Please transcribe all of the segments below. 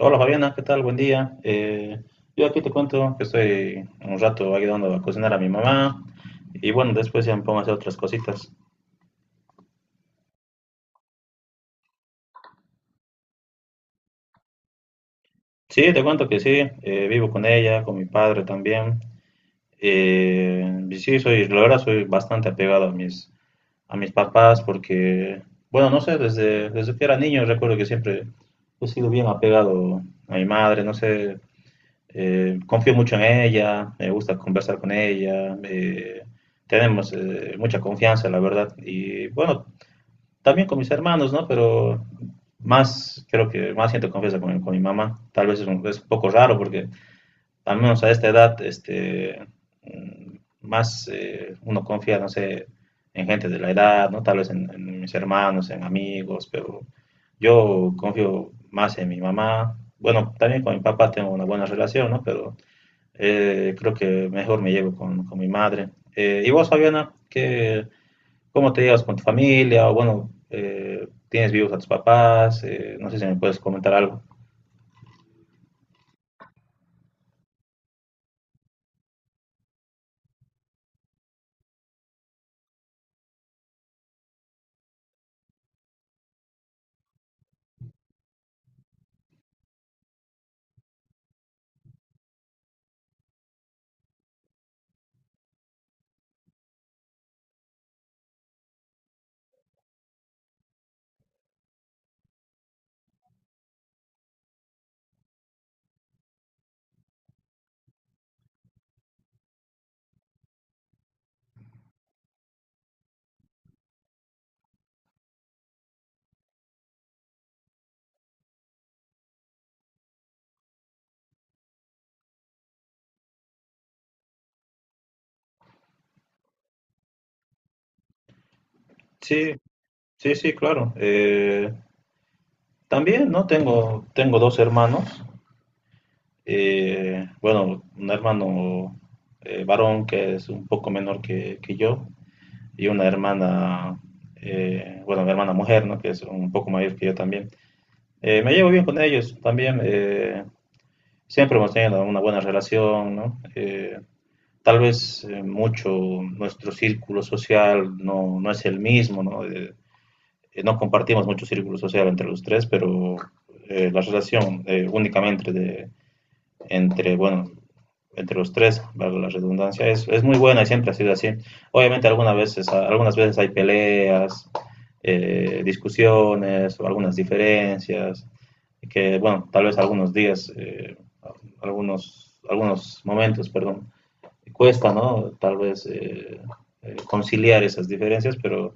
Hola Fabiana, ¿qué tal? Buen día. Yo aquí te cuento que estoy un rato ayudando a cocinar a mi mamá y bueno, después ya me pongo a hacer otras cositas. Sí, te cuento que sí, vivo con ella, con mi padre también. Y sí, soy, la verdad soy bastante apegado a mis papás porque, bueno, no sé, desde que era niño recuerdo que siempre he sido bien apegado a mi madre, no sé, confío mucho en ella, me gusta conversar con ella, tenemos mucha confianza, la verdad. Y bueno, también con mis hermanos, ¿no? Pero más, creo que más siento confianza con, con mi mamá. Tal vez es un poco raro porque al menos a esta edad, más uno confía, no sé, en gente de la edad, ¿no? Tal vez en mis hermanos, en amigos, pero yo confío más en mi mamá. Bueno, también con mi papá tengo una buena relación, ¿no? Pero creo que mejor me llevo con mi madre. ¿Y vos, Fabiana, qué, cómo te llevas con tu familia? O bueno, ¿tienes vivos a tus papás? No sé si me puedes comentar algo. Sí, sí, sí, claro. También, ¿no? Tengo dos hermanos. Bueno, un hermano varón que es un poco menor que yo y una hermana, bueno, mi hermana mujer, ¿no? Que es un poco mayor que yo también. Me llevo bien con ellos también. Siempre hemos tenido una buena relación, ¿no? Tal vez mucho nuestro círculo social no es el mismo, ¿no? No compartimos mucho círculo social entre los tres, pero la relación únicamente de, entre, bueno, entre los tres, valga la redundancia, es muy buena y siempre ha sido así. Obviamente algunas veces hay peleas, discusiones o algunas diferencias, que bueno, tal vez algunos días, algunos momentos, perdón, cuesta, ¿no? Tal vez conciliar esas diferencias, pero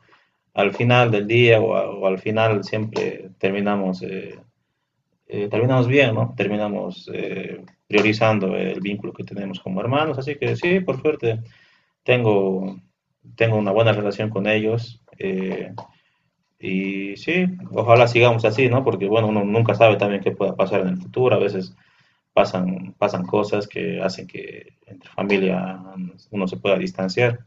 al final del día o al final siempre terminamos terminamos bien, ¿no? Terminamos priorizando el vínculo que tenemos como hermanos, así que sí, por suerte, tengo, tengo una buena relación con ellos. Y sí, ojalá sigamos así, ¿no? Porque bueno, uno nunca sabe también qué pueda pasar en el futuro. A veces pasan cosas que hacen que entre familia uno se pueda distanciar.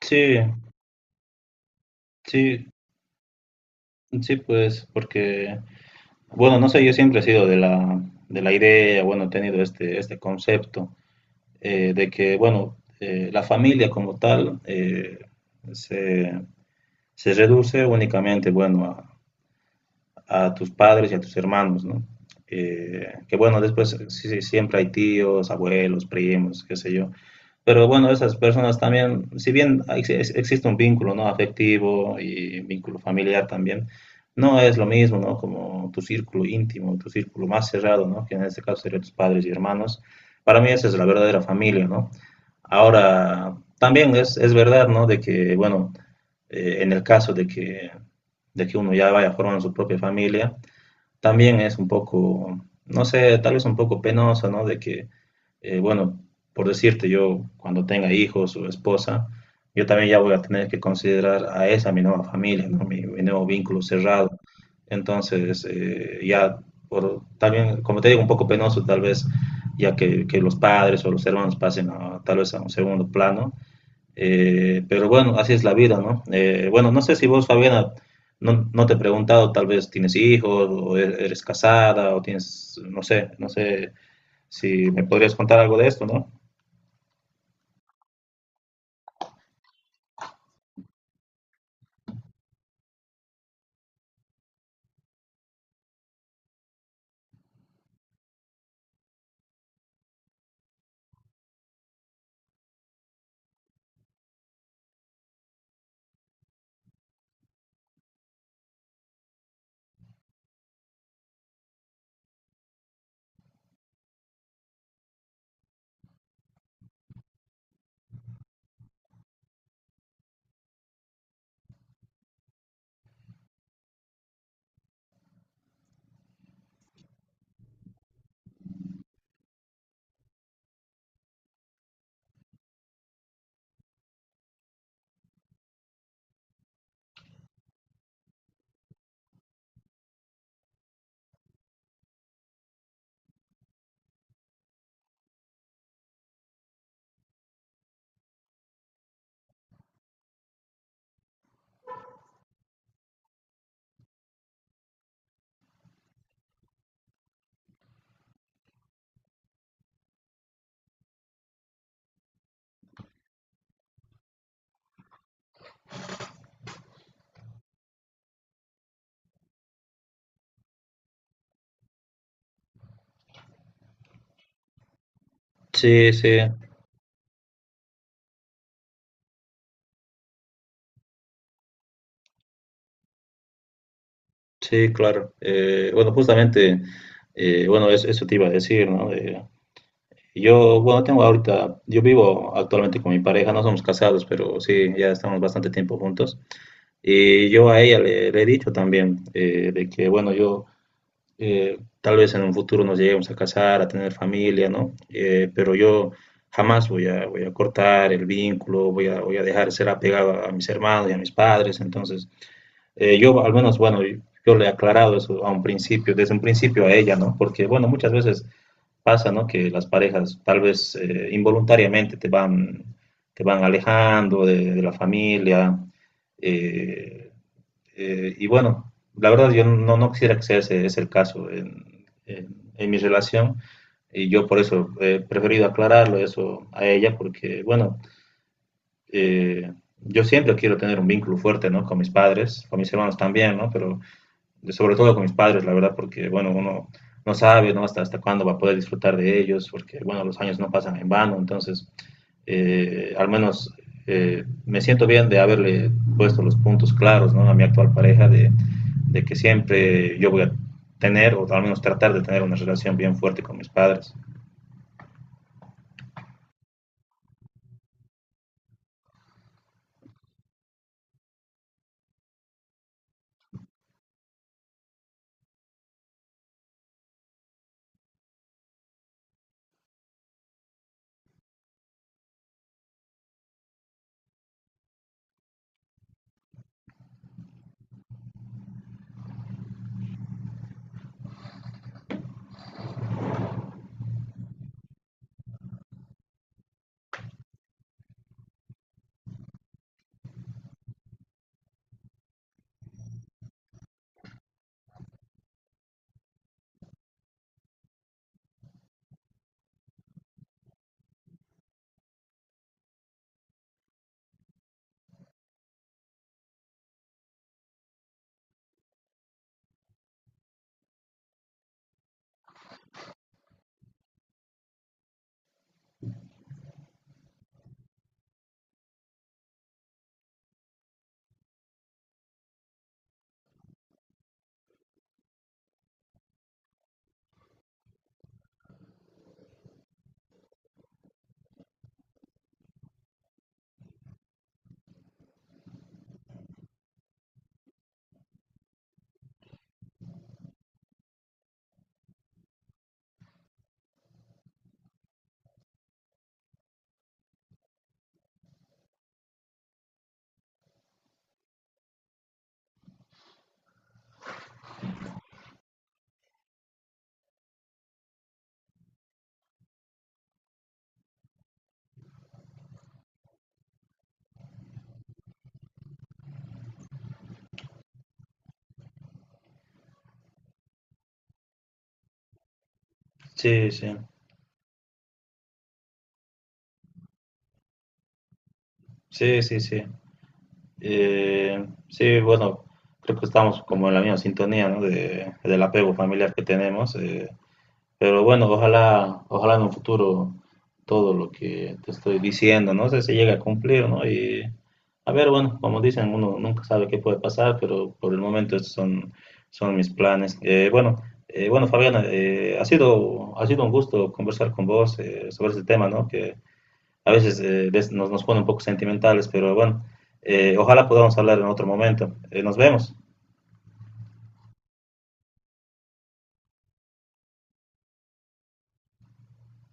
Sí, sí, sí, pues, porque, bueno, no sé, yo siempre he sido de la idea, bueno, he tenido este, este concepto de que, bueno, la familia como tal se, se reduce únicamente, bueno, a tus padres y a tus hermanos, ¿no? Que bueno, después sí, sí, siempre hay tíos, abuelos, primos, qué sé yo. Pero bueno, esas personas también, si bien existe un vínculo, ¿no? Afectivo y vínculo familiar también, no es lo mismo, ¿no? Como tu círculo íntimo, tu círculo más cerrado, ¿no? Que en este caso serían tus padres y hermanos. Para mí esa es la verdadera familia, ¿no? Ahora, también es verdad, ¿no? De que, bueno, en el caso de que uno ya vaya formando su propia familia, también es un poco, no sé, tal vez un poco penoso, ¿no? De que bueno, por decirte, yo cuando tenga hijos o esposa, yo también ya voy a tener que considerar a esa mi nueva familia, ¿no? mi nuevo vínculo cerrado. Entonces, ya, por, también, como te digo, un poco penoso tal vez, ya que los padres o los hermanos pasen a, tal vez a un segundo plano. Pero bueno, así es la vida, ¿no? Bueno, no sé si vos, Fabiana, no te he preguntado, tal vez tienes hijos o eres casada o tienes, no sé, no sé si me podrías contar algo de esto, ¿no? Sí, sí, sí, claro. Bueno, justamente, bueno, eso te iba a decir, ¿no? Yo, bueno, tengo ahorita, yo vivo actualmente con mi pareja, no somos casados, pero sí, ya estamos bastante tiempo juntos. Y yo a ella le, le he dicho también de que, bueno, yo tal vez en un futuro nos lleguemos a casar, a tener familia, ¿no? Pero yo jamás voy a, voy a cortar el vínculo, voy a, voy a dejar de ser apegado a mis hermanos y a mis padres, entonces... Yo al menos, bueno, yo le he aclarado eso a un principio, desde un principio a ella, ¿no? Porque, bueno, muchas veces pasa, ¿no? Que las parejas tal vez involuntariamente te van alejando de la familia. eh, y bueno, la verdad yo no quisiera que sea ese, ese el caso en, en mi relación. Y yo por eso he preferido aclararlo eso a ella, porque bueno, eh, yo siempre quiero tener un vínculo fuerte, ¿no? Con mis padres, con mis hermanos también, ¿no? Pero sobre todo con mis padres, la verdad, porque, bueno, uno no sabe, ¿no? Hasta cuándo va a poder disfrutar de ellos, porque, bueno, los años no pasan en vano, entonces, al menos me siento bien de haberle puesto los puntos claros, ¿no? A mi actual pareja, de que siempre yo voy a tener, o al menos tratar de tener una relación bien fuerte con mis padres. Sí, sí, sí, sí, sí. Sí, bueno, creo que estamos como en la misma sintonía, ¿no? De, del apego familiar que tenemos. Pero bueno, ojalá en un futuro todo lo que te estoy diciendo, no sé si llega a cumplir, ¿no? Y a ver, bueno, como dicen, uno nunca sabe qué puede pasar, pero por el momento estos son, son mis planes. Bueno, bueno, Fabiana, ha sido un gusto conversar con vos sobre este tema, ¿no? Que a veces nos, nos pone un poco sentimentales, pero bueno, ojalá podamos hablar en otro momento. Nos vemos.